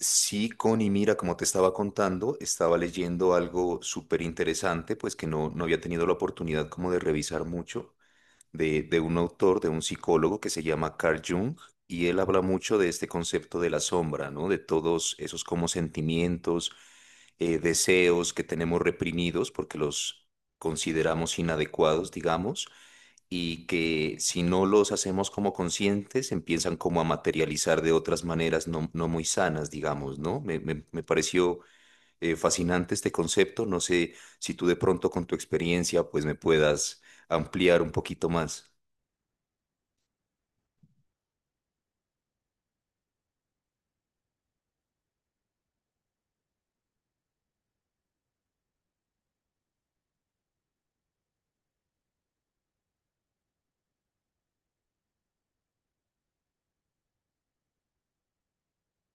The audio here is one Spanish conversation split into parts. Sí, Connie, mira, como te estaba contando, estaba leyendo algo súper interesante, pues que no había tenido la oportunidad como de revisar mucho de un autor, de un psicólogo que se llama Carl Jung, y él habla mucho de este concepto de la sombra, ¿no? De todos esos como sentimientos, deseos que tenemos reprimidos porque los consideramos inadecuados, digamos, y que si no los hacemos como conscientes, empiezan como a materializar de otras maneras no muy sanas, digamos, ¿no? Me pareció fascinante este concepto. No sé si tú de pronto con tu experiencia pues me puedas ampliar un poquito más.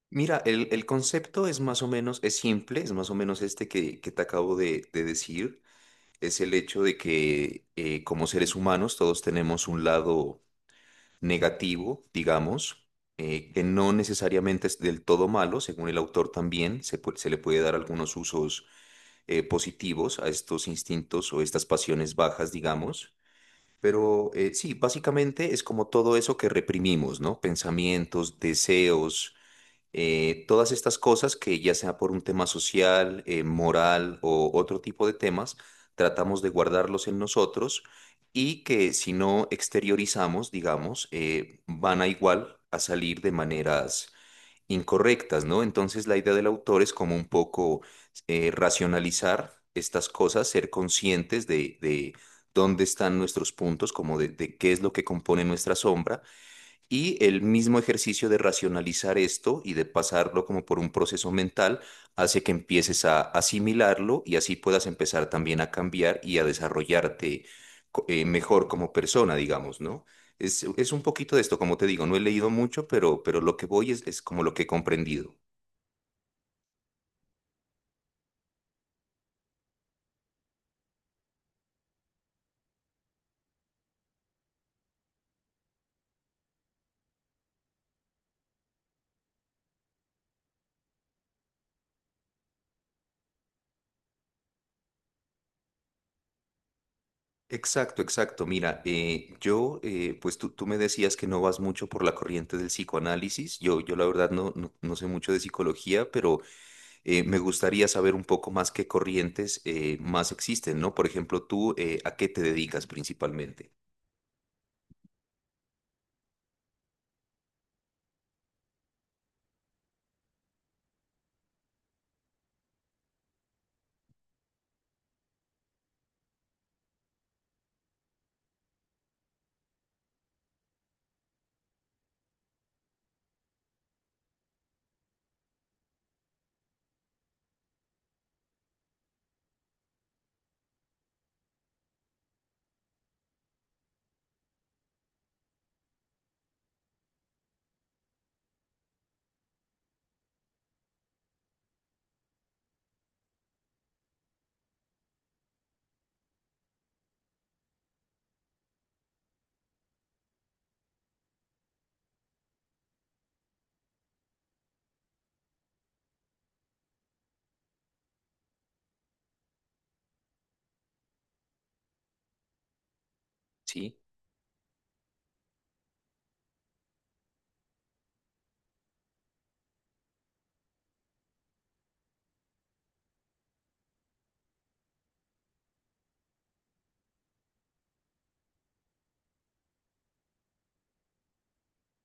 Mira, el concepto es más o menos, es simple, es más o menos este que te acabo de decir. Es el hecho de que como seres humanos todos tenemos un lado negativo, digamos, que no necesariamente es del todo malo, según el autor también, se le puede dar algunos usos positivos a estos instintos o estas pasiones bajas, digamos. Pero sí, básicamente es como todo eso que reprimimos, ¿no? Pensamientos, deseos, todas estas cosas que ya sea por un tema social, moral o otro tipo de temas, tratamos de guardarlos en nosotros y que si no exteriorizamos, digamos, van a igual a salir de maneras incorrectas, ¿no? Entonces la idea del autor es como un poco racionalizar estas cosas, ser conscientes de dónde están nuestros puntos, como de qué es lo que compone nuestra sombra y el mismo ejercicio de racionalizar esto y de pasarlo como por un proceso mental hace que empieces a asimilarlo y así puedas empezar también a cambiar y a desarrollarte mejor como persona, digamos, ¿no? Es un poquito de esto, como te digo, no he leído mucho, pero lo que voy es como lo que he comprendido. Exacto, exacto. Mira, pues tú me decías que no vas mucho por la corriente del psicoanálisis. Yo la verdad no sé mucho de psicología, pero me gustaría saber un poco más qué corrientes más existen, ¿no? Por ejemplo, tú, ¿a qué te dedicas principalmente? ¿Sí?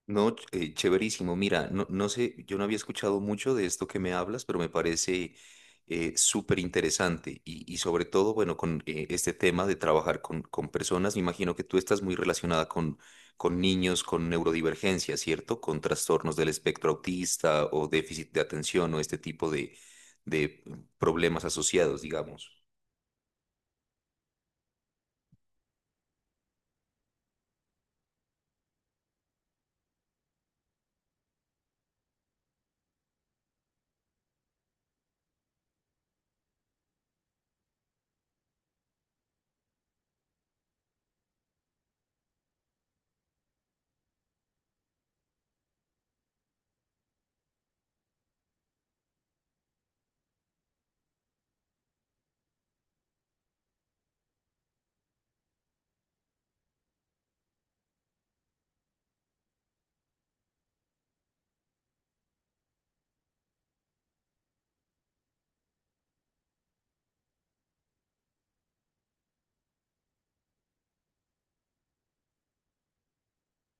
No, chéverísimo. Mira, no sé, yo no había escuchado mucho de esto que me hablas, pero me parece súper interesante y sobre todo, bueno, con este tema de trabajar con personas, me imagino que tú estás muy relacionada con niños con neurodivergencia, ¿cierto? Con trastornos del espectro autista o déficit de atención o este tipo de problemas asociados, digamos.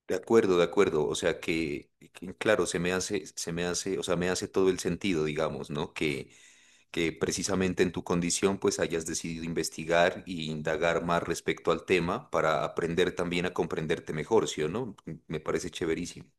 De acuerdo, de acuerdo. O sea claro, se me hace, o sea, me hace todo el sentido, digamos, ¿no? Que precisamente en tu condición, pues hayas decidido investigar y indagar más respecto al tema para aprender también a comprenderte mejor, ¿sí o no? Me parece chéverísimo.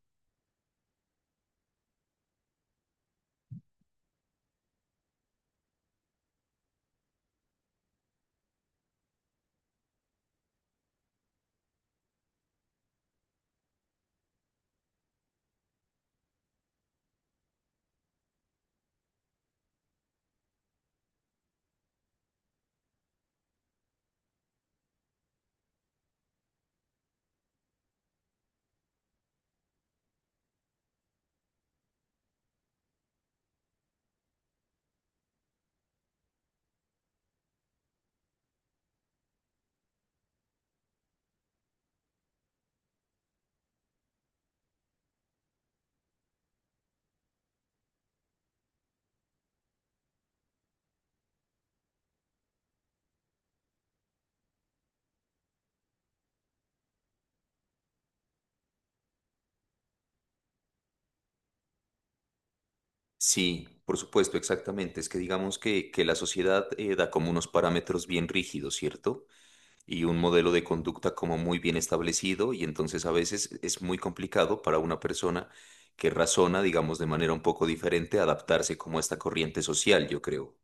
Sí, por supuesto, exactamente. Es que digamos que la sociedad da como unos parámetros bien rígidos, ¿cierto? Y un modelo de conducta como muy bien establecido y entonces a veces es muy complicado para una persona que razona, digamos, de manera un poco diferente, adaptarse como a esta corriente social, yo creo.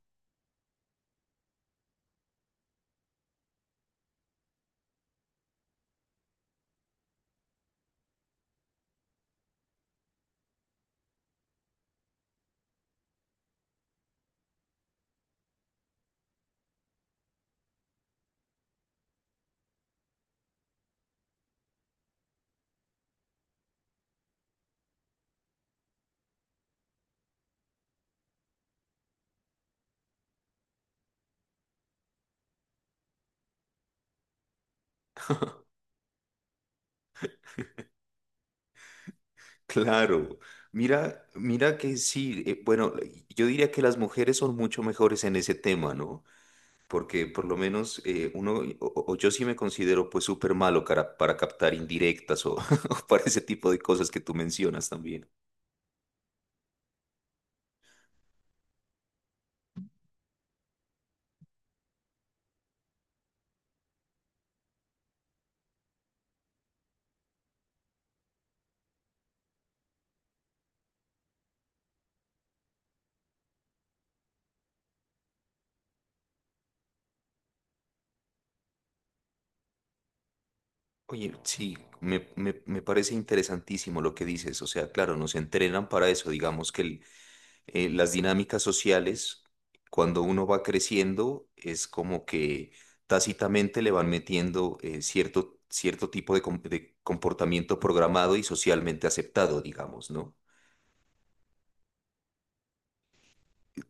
Claro, mira, mira que sí, bueno, yo diría que las mujeres son mucho mejores en ese tema, ¿no? Porque por lo menos o yo sí me considero pues súper malo para captar indirectas o, o para ese tipo de cosas que tú mencionas también. Oye, sí, me parece interesantísimo lo que dices. O sea, claro, nos entrenan para eso. Digamos las dinámicas sociales, cuando uno va creciendo, es como que tácitamente le van metiendo cierto tipo de, de comportamiento programado y socialmente aceptado, digamos, ¿no?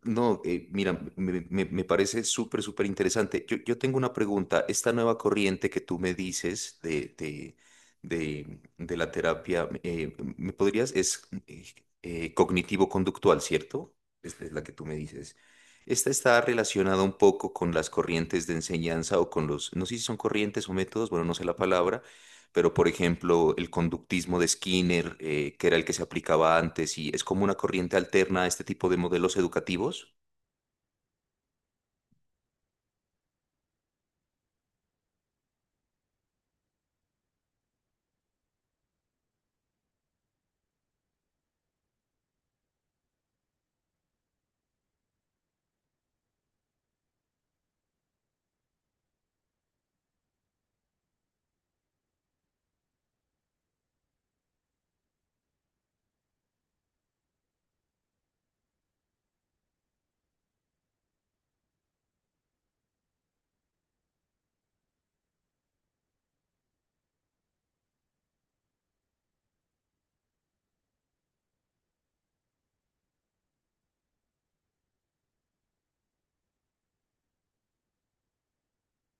No, mira, me parece súper, súper interesante. Yo tengo una pregunta. Esta nueva corriente que tú me dices de la terapia, ¿me podrías? Es cognitivo-conductual, ¿cierto? Esta es la que tú me dices. Esta está relacionada un poco con las corrientes de enseñanza o con los, no sé si son corrientes o métodos, bueno, no sé la palabra, pero por ejemplo, el conductismo de Skinner, que era el que se aplicaba antes, y es como una corriente alterna a este tipo de modelos educativos.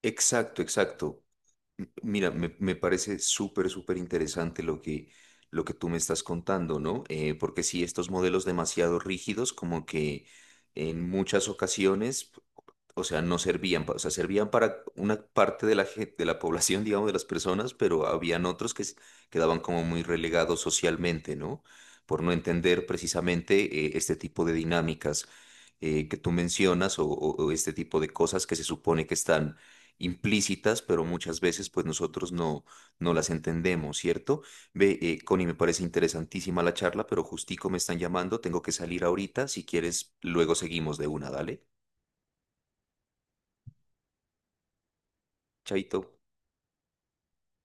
Exacto, exacto. Mira, me parece súper, súper interesante lo lo que tú me estás contando, ¿no? Porque sí, estos modelos demasiado rígidos, como que en muchas ocasiones, o sea, no servían, o sea, servían para una parte de la, de la población, digamos, de las personas, pero habían otros quedaban como muy relegados socialmente, ¿no? Por no entender precisamente este tipo de dinámicas que tú mencionas o o este tipo de cosas que se supone que están implícitas, pero muchas veces pues nosotros no las entendemos, ¿cierto? Ve, Connie, me parece interesantísima la charla, pero justico me están llamando, tengo que salir ahorita, si quieres, luego seguimos de una, dale, chaito.